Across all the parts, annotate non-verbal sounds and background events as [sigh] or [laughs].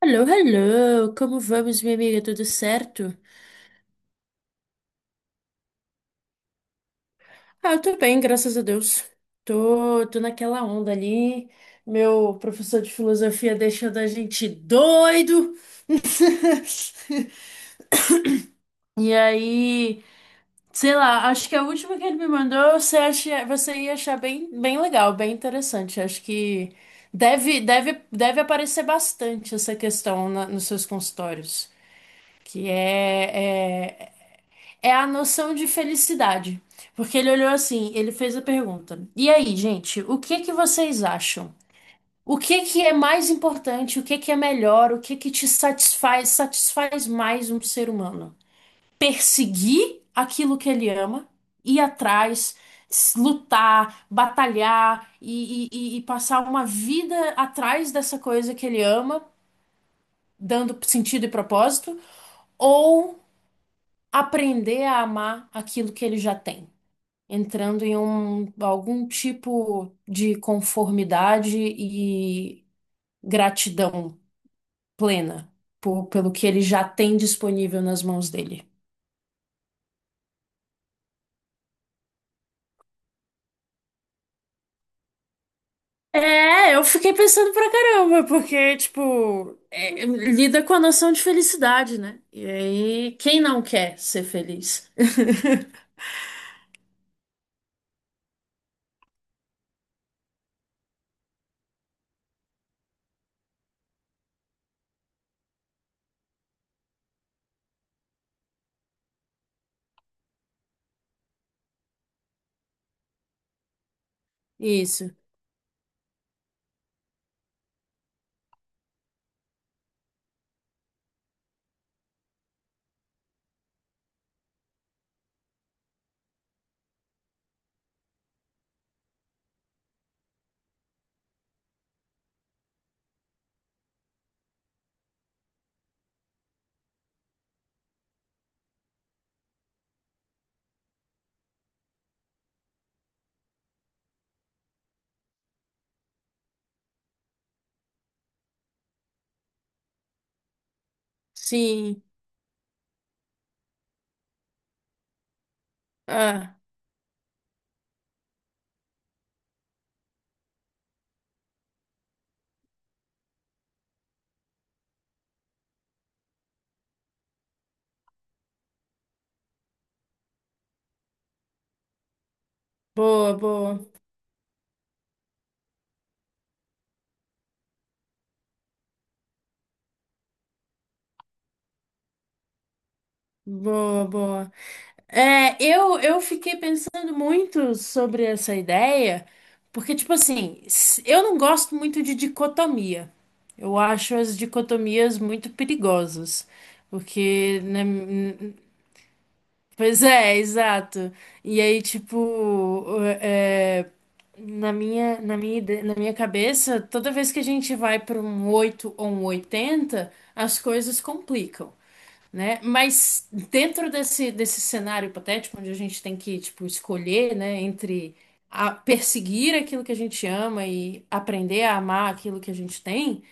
Hello, hello! Como vamos, minha amiga? Tudo certo? Ah, eu tô bem, graças a Deus. Tô naquela onda ali. Meu professor de filosofia deixando a gente doido. [laughs] E aí, sei lá, acho que a última que ele me mandou, você ia achar bem legal, bem interessante. Acho que deve aparecer bastante essa questão nos seus consultórios, que é é a noção de felicidade. Porque ele olhou assim, ele fez a pergunta. E aí, gente, o que que vocês acham? O que que é mais importante? O que que é melhor? O que que te satisfaz, satisfaz mais um ser humano? Perseguir aquilo que ele ama, ir atrás, lutar, batalhar e passar uma vida atrás dessa coisa que ele ama, dando sentido e propósito, ou aprender a amar aquilo que ele já tem? Entrando em algum tipo de conformidade e gratidão plena pelo que ele já tem disponível nas mãos dele. É, eu fiquei pensando pra caramba, porque, tipo, é, lida com a noção de felicidade, né? E aí, quem não quer ser feliz? [laughs] Isso. Sim. Ah, boa, boa. Boa, boa. É, eu fiquei pensando muito sobre essa ideia, porque, tipo assim, eu não gosto muito de dicotomia. Eu acho as dicotomias muito perigosas, porque, né, pois é, exato. E aí, tipo, é, na minha cabeça, toda vez que a gente vai para um 8 ou um 80 as coisas complicam, né? Mas dentro desse, desse cenário hipotético, onde a gente tem que, tipo, escolher, né, entre perseguir aquilo que a gente ama e aprender a amar aquilo que a gente tem,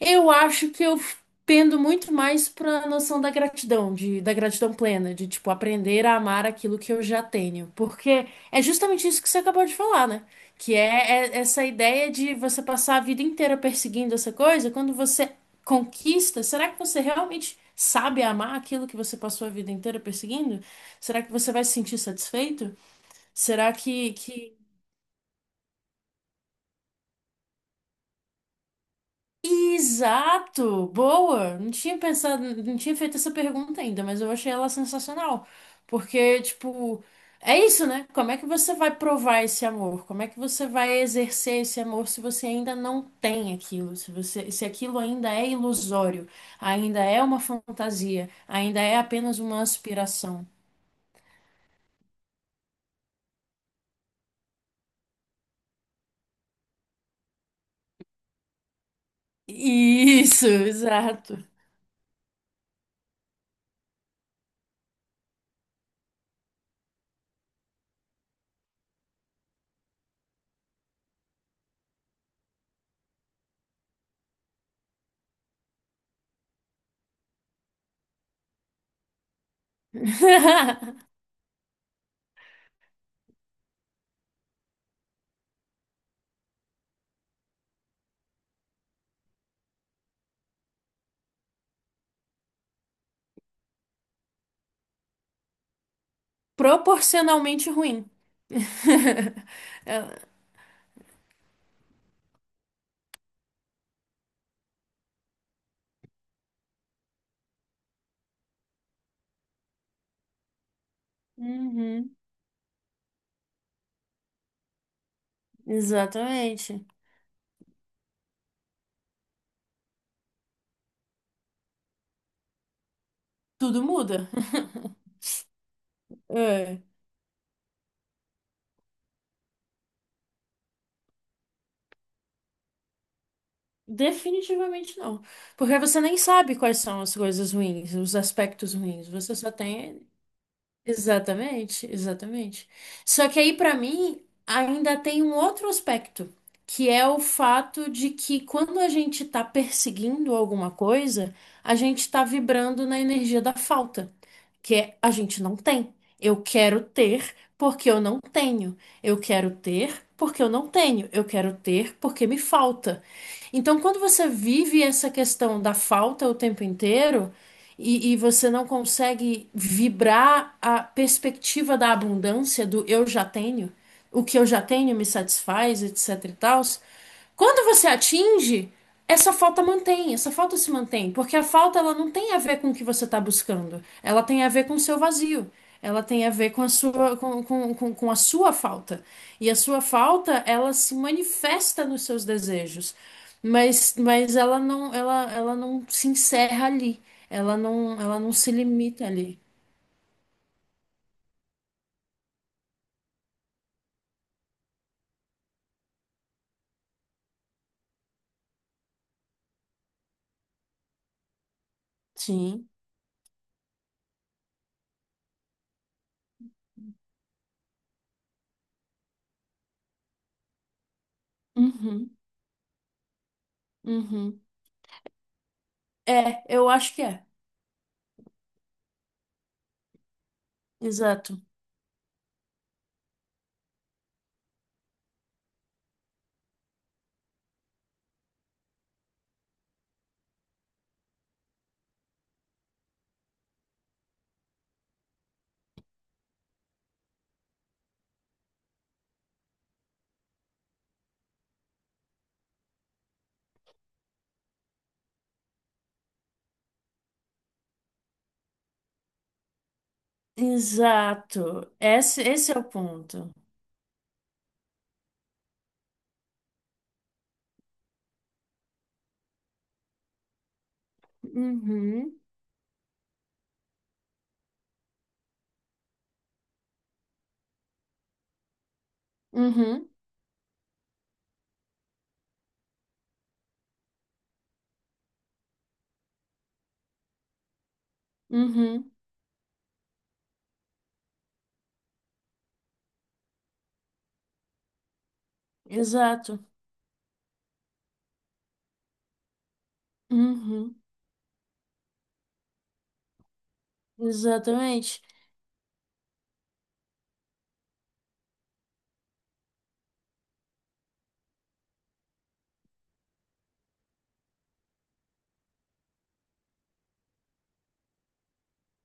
eu acho que eu pendo muito mais para a noção da gratidão, de, da gratidão plena, de tipo aprender a amar aquilo que eu já tenho, porque é justamente isso que você acabou de falar, né? Que é, é essa ideia de você passar a vida inteira perseguindo essa coisa, quando você conquista, será que você realmente sabe amar aquilo que você passou a vida inteira perseguindo? Será que você vai se sentir satisfeito? Será que exato! Boa! Não tinha pensado, não tinha feito essa pergunta ainda, mas eu achei ela sensacional. Porque, tipo, é isso, né? Como é que você vai provar esse amor? Como é que você vai exercer esse amor se você ainda não tem aquilo? Se você, se aquilo ainda é ilusório, ainda é uma fantasia, ainda é apenas uma aspiração. Isso, exato. [laughs] Proporcionalmente ruim. [laughs] É, uhum, exatamente. Tudo muda. [laughs] É, definitivamente não. Porque você nem sabe quais são as coisas ruins, os aspectos ruins. Você só tem. Exatamente, exatamente. Só que aí, pra mim, ainda tem um outro aspecto, que é o fato de que quando a gente tá perseguindo alguma coisa, a gente tá vibrando na energia da falta. Que é a gente não tem. Eu quero ter porque eu não tenho. Eu quero ter porque eu não tenho. Eu quero ter porque me falta. Então, quando você vive essa questão da falta o tempo inteiro e você não consegue vibrar a perspectiva da abundância, do eu já tenho, o que eu já tenho me satisfaz, etc e tal, quando você atinge. Essa falta mantém, essa falta se mantém, porque a falta ela não tem a ver com o que você está buscando, ela tem a ver com o seu vazio, ela tem a ver com a sua, com a sua falta. E a sua falta, ela se manifesta nos seus desejos, mas ela não, ela não se encerra ali, ela não se limita ali. Sim. Uhum, uhum. É, eu acho que é. Exato. Exato. Esse é o ponto. Uhum. Uhum, uhum, exato. Uhum, exatamente.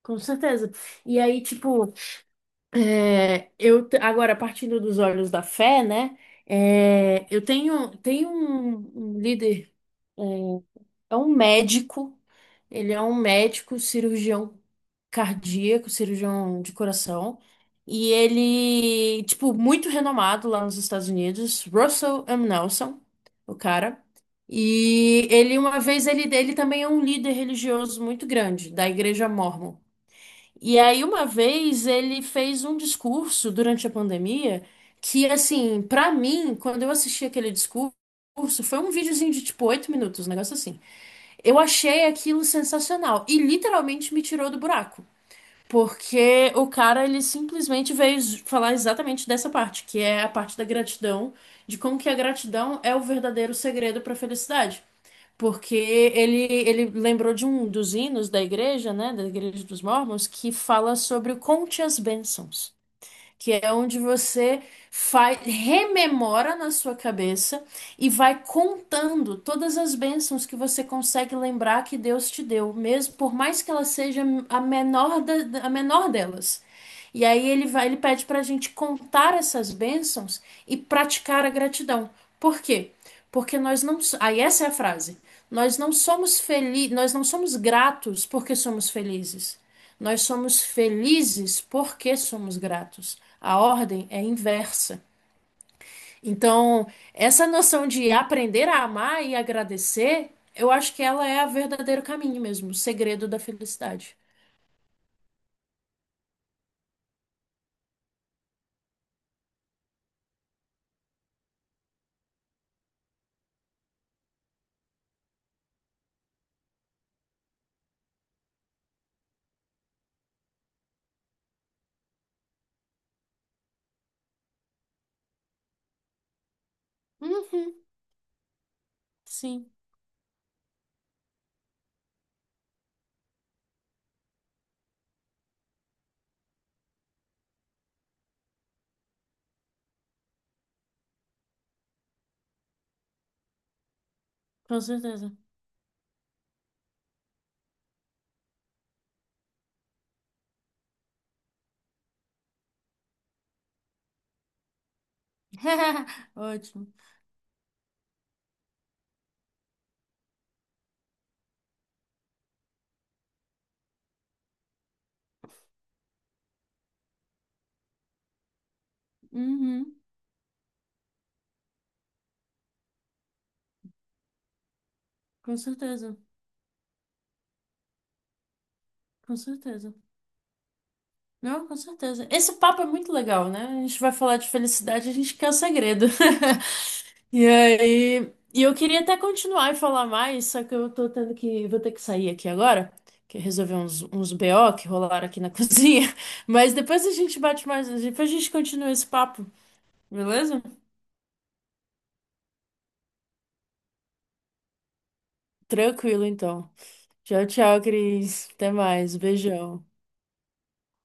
Com certeza. E aí, tipo, é, agora partindo dos olhos da fé, né? É, tenho um, um líder. eh, É um médico, ele é um médico cirurgião cardíaco, cirurgião de coração, e ele, tipo, muito renomado lá nos Estados Unidos, Russell M. Nelson, o cara. E ele, uma vez, ele também é um líder religioso muito grande, da Igreja Mórmon. E aí, uma vez, ele fez um discurso durante a pandemia que, assim, pra mim, quando eu assisti aquele discurso, foi um videozinho de, tipo, oito minutos, um negócio assim. Eu achei aquilo sensacional e literalmente me tirou do buraco. Porque o cara, ele simplesmente veio falar exatamente dessa parte, que é a parte da gratidão, de como que a gratidão é o verdadeiro segredo para a felicidade. Porque ele lembrou de um dos hinos da igreja, né, da igreja dos Mormons, que fala sobre o conte as bênçãos, que é onde você faz, rememora na sua cabeça e vai contando todas as bênçãos que você consegue lembrar que Deus te deu, mesmo por mais que ela seja a menor delas. E aí ele vai, ele pede para a gente contar essas bênçãos e praticar a gratidão. Por quê? Porque nós não, so- aí essa é a frase. Nós não somos felizes, nós não somos gratos porque somos felizes. Nós somos felizes porque somos gratos. A ordem é inversa. Então, essa noção de aprender a amar e agradecer, eu acho que ela é o verdadeiro caminho mesmo, o segredo da felicidade. Uhum, sim, com certeza. [laughs] Ótimo. Uhum, com certeza, com certeza. Não, com certeza. Esse papo é muito legal, né? A gente vai falar de felicidade, a gente quer o segredo. [laughs] E aí, e eu queria até continuar e falar mais, só que eu tô tendo que, vou ter que sair aqui agora, que é resolver uns, uns BO que rolaram aqui na [laughs] cozinha. Mas depois a gente bate mais, depois a gente continua esse papo, beleza? Tranquilo, então. Tchau, tchau, Cris. Até mais. Beijão.